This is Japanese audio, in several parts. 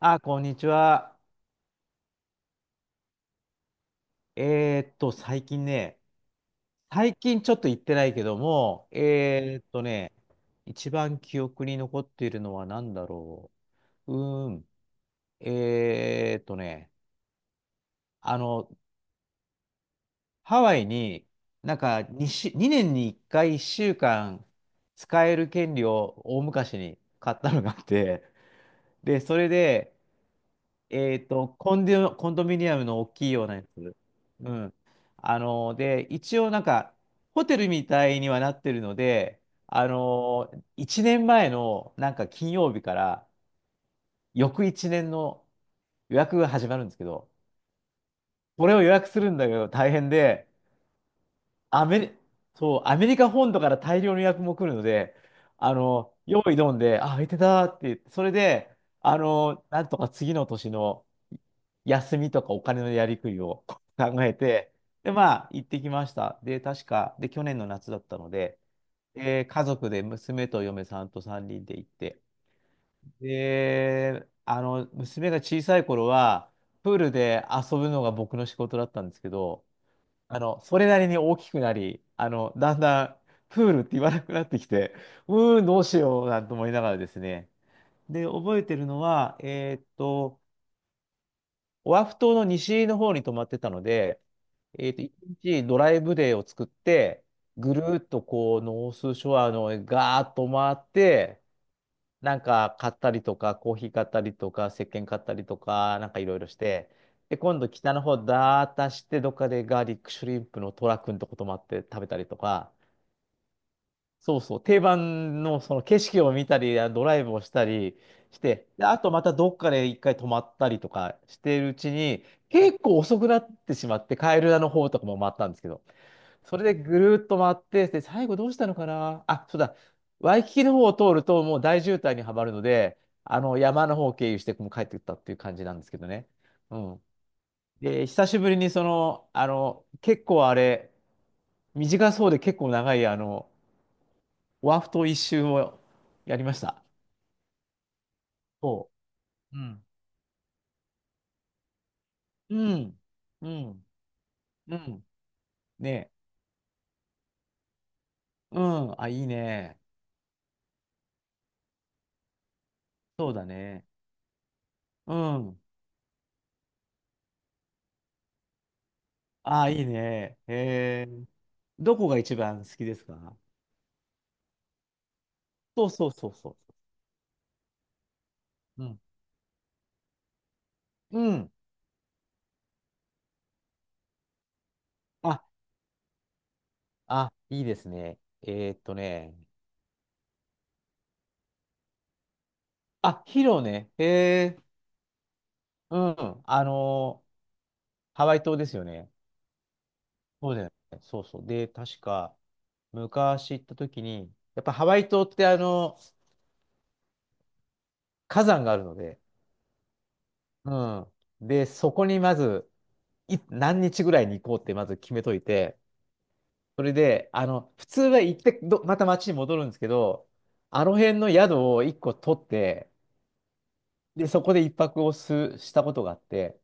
あ、こんにちは。えーっと、最近ね、最近ちょっと行ってないけども、一番記憶に残っているのは何だろう。うーん。えーっとね、あの、ハワイに、なんか2、2年に1回1週間使える権利を大昔に買ったのがあって、で、それで、コンドミニアムの大きいようなやつ。うん。で、一応ホテルみたいにはなってるので、1年前の金曜日から、翌1年の予約が始まるんですけど、これを予約するんだけど大変で、アメリ、そう、アメリカ本土から大量の予約も来るので、用意どんで、あ、空いてたって言って、それで、なんとか次の年の休みとかお金のやりくりを 考えて、で、まあ、行ってきました。で、確か、去年の夏だったので、で、家族で娘と嫁さんと3人で行って、で、娘が小さい頃は、プールで遊ぶのが僕の仕事だったんですけど、それなりに大きくなり、だんだんプールって言わなくなってきて、どうしようなんて思いながらですね。で、覚えてるのは、オアフ島の西の方に泊まってたので、1日ドライブデーを作って、ぐるーっとこう、ノースショアのガーッと回って、なんか買ったりとか、コーヒー買ったりとか、石鹸買ったりとか、なんかいろいろして、で、今度北の方だーっとて、どっかでガーリックシュリンプのトラ君とこともあって食べたりとか、そうそう、定番のその景色を見たり、あドライブをしたりして、で、あとまたどっかで一回泊まったりとかしているうちに、結構遅くなってしまって、カエルラの方とかも回ったんですけど、それでぐるーっと回って、で、最後どうしたのかなあ、そうだ、ワイキキの方を通るともう大渋滞にはまるので、あの山の方を経由してもう帰ってきたっていう感じなんですけどね。うん。で、久しぶりにその、結構あれ、短そうで結構長い、ワフト一周をやりました。そうん。うん。うん。うん。うん。ねえ。うん。あ、いいね。そうだね。うん。あ、いいね。へえ。どこが一番好きですか？そうそうそうそう。うん。うん。あ、あ、いいですね。えーっとね。あ、ヒロね。へえ。うん。ハワイ島ですよね。そうだよね。そうそう。で、確か、昔行った時に、やっぱハワイ島って火山があるので、うん。で、そこにまず、何日ぐらいに行こうってまず決めといて、それで、普通は行ってど、また町に戻るんですけど、あの辺の宿を1個取って、で、そこで一泊をしたことがあって、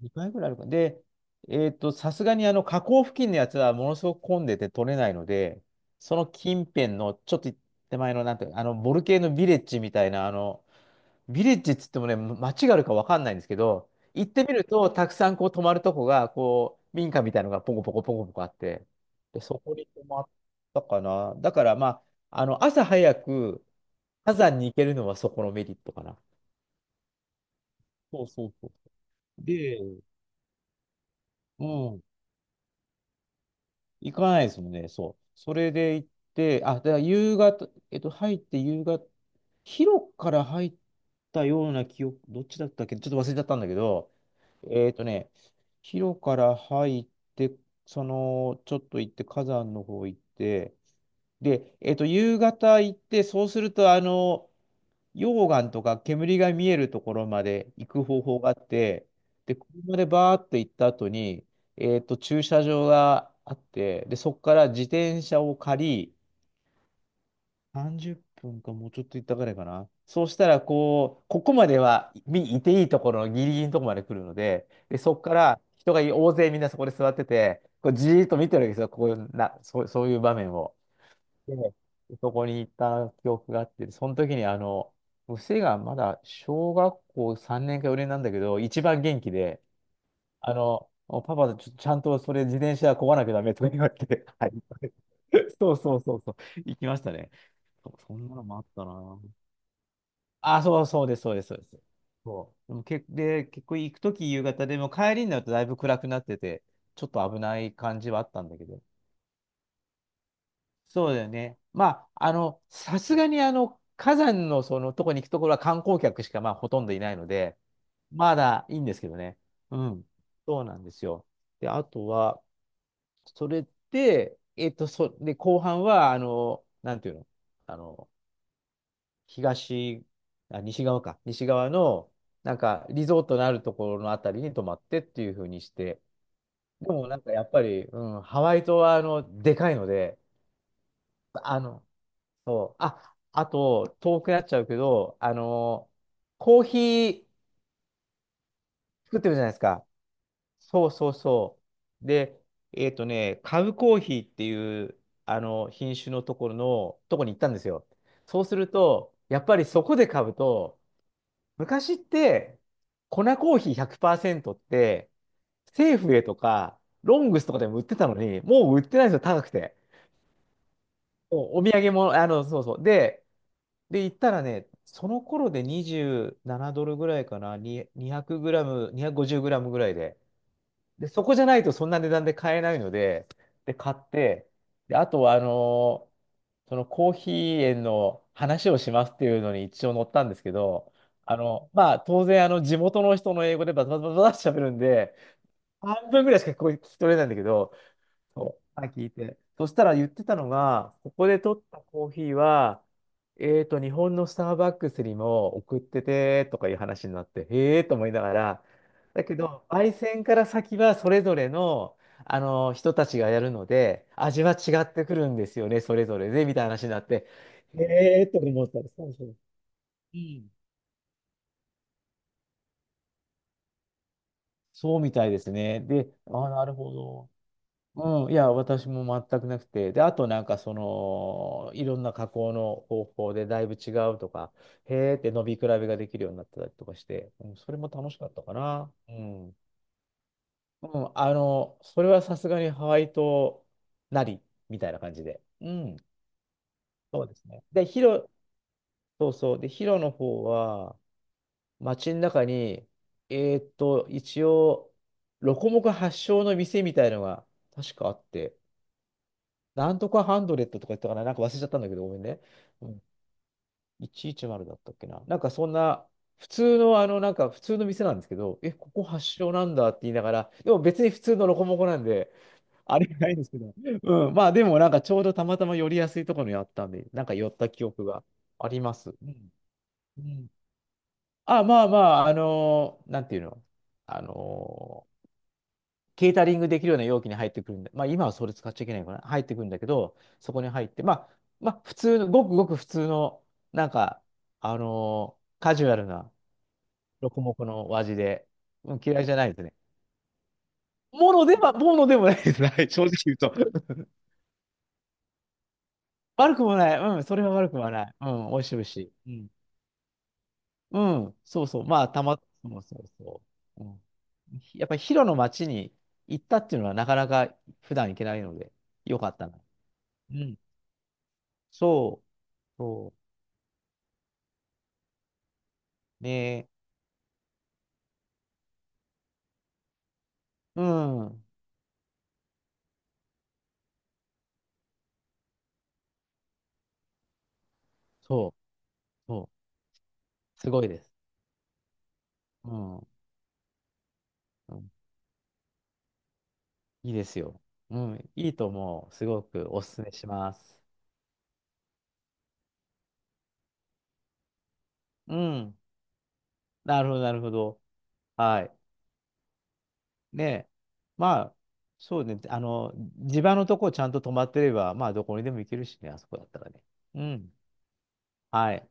2回ぐらいあるか。で、さすがに河口付近のやつはものすごく混んでて取れないので、その近辺のちょっと手前の、なんていうのボルケーノビレッジみたいな、ビレッジっつってもね、ま街があるかわかんないんですけど、行ってみると、たくさんこう泊まるとこが、こう、民家みたいのがポコポコポコポコあって、で、そこに泊まったかな。だからまあ、朝早く火山に行けるのはそこのメリットかな。そうそうそう。で、うん、行かないですもんね、そう。それで行って、あ、だから夕方、入って夕方、広くから入ったような記憶、どっちだったっけ、ちょっと忘れちゃったんだけど、えーとね、広から入って、その、ちょっと行って、火山の方行って、で、夕方行って、そうすると、溶岩とか煙が見えるところまで行く方法があって、で、車でバーって行った後に、駐車場があって、で、そこから自転車を借り、30分かもうちょっと行ったぐらいかな。そうしたら、こう、ここまではみいていいところのギリギリのところまで来るので、で、そこから人が大勢みんなそこで座ってて、こうじーっと見てるわけですよ、こういうな、そう、そういう場面を。で、そこに行った記憶があって、その時に娘がまだ小学校3年か4年なんだけど、一番元気で、パパ、ちゃんとそれ自転車こがなきゃダメとか言われて、はい。そうそうそうそう、行きましたね。そんなのもあったな。あ、そうそうです、そうです、そうです。そうでもけ、で、結構行くとき夕方でも帰りになるとだいぶ暗くなってて、ちょっと危ない感じはあったんだけど。そうだよね。まあ、さすがに火山のそのとこに行くところは観光客しかまあほとんどいないので、まだいいんですけどね。うん。そうなんですよ。で、あとは、それで、で、後半は、なんていうの、あの、東、西側か。西側の、なんか、リゾートのあるところのあたりに泊まってっていう風にして。でも、なんか、やっぱり、うん、ハワイ島は、でかいので、あの、そう。あ、あと、遠くなっちゃうけど、コーヒー作ってるじゃないですか。そうそうそう。で、カブコーヒーっていう、品種のところの、とこに行ったんですよ。そうすると、やっぱりそこで買うと、昔って、粉コーヒー100%って、セーフウェイとか、ロングスとかでも売ってたのに、もう売ってないんですよ、高くて。お土産も、そうそう。で、行ったらね、その頃で27ドルぐらいかな、に200グラム、250グラムぐらいで、で、そこじゃないとそんな値段で買えないので、で、買って、で、あとは、そのコーヒー園の話をしますっていうのに一応載ったんですけど、まあ、当然、地元の人の英語でバタバタバタって喋るんで、半分ぐらいしか聞こえ聞き取れないんだけど、そうあ、聞いて。そしたら言ってたのが、ここで取ったコーヒーは、日本のスターバックスにも送っててとかいう話になって、へえーと思いながら、だけど、焙煎から先はそれぞれの、あの人たちがやるので、味は違ってくるんですよね、それぞれで、みたいな話になって、へえーと思ったら、そうそう。うんそうみたいですね。で、ああ、なるほど。うん、いや、私も全くなくて。で、あとなんかその、いろんな加工の方法でだいぶ違うとか、へーって伸び比べができるようになったりとかして、うん、それも楽しかったかな。うん。うん、それはさすがにハワイ島なり、みたいな感じで。うん、そうですね。で、ヒロ、そうそう。で、ヒロの方は、街の中に、一応、ロコモコ発祥の店みたいのが確かあって、なんとかハンドレットとか言ったかな、なんか忘れちゃったんだけど、ごめんね。うん、110だったっけな。なんかそんな、普通の、なんか普通の店なんですけど、え、ここ発祥なんだって言いながら、でも別に普通のロコモコなんで、あれないんですけど、うん、まあでもなんかちょうどたまたま寄りやすいところにあったんで、なんか寄った記憶があります。うん。うん、あ、まあまあ、なんていうの、あのーケータリングできるような容器に入ってくるんで、まあ今はそれ使っちゃいけないのかな、入ってくるんだけど、そこに入って、まあ、普通の、ごくごく普通の、なんか、カジュアルな、ロコモコのお味で、うん、嫌いじゃないですね。ものでもないです。はい、正直言うと。悪くもない。うん、それは悪くはない。うん、美味しい美味しい。うん、うん、そうそう。まあ、そうそうそう。うん、やっぱりヒロの街に行ったっていうのはなかなか普段行けないので、よかったな。うん、そう。そう。ねうん。そう。そう。すごいです。うん。うん、いいですよ。うん。いいと思う。すごくおすすめします。うん。なるほど、なるほど。はい。ねまあ、そうね。地場のとこちゃんと止まってれば、まあ、どこにでも行けるしね、あそこだったらね。うん。はい。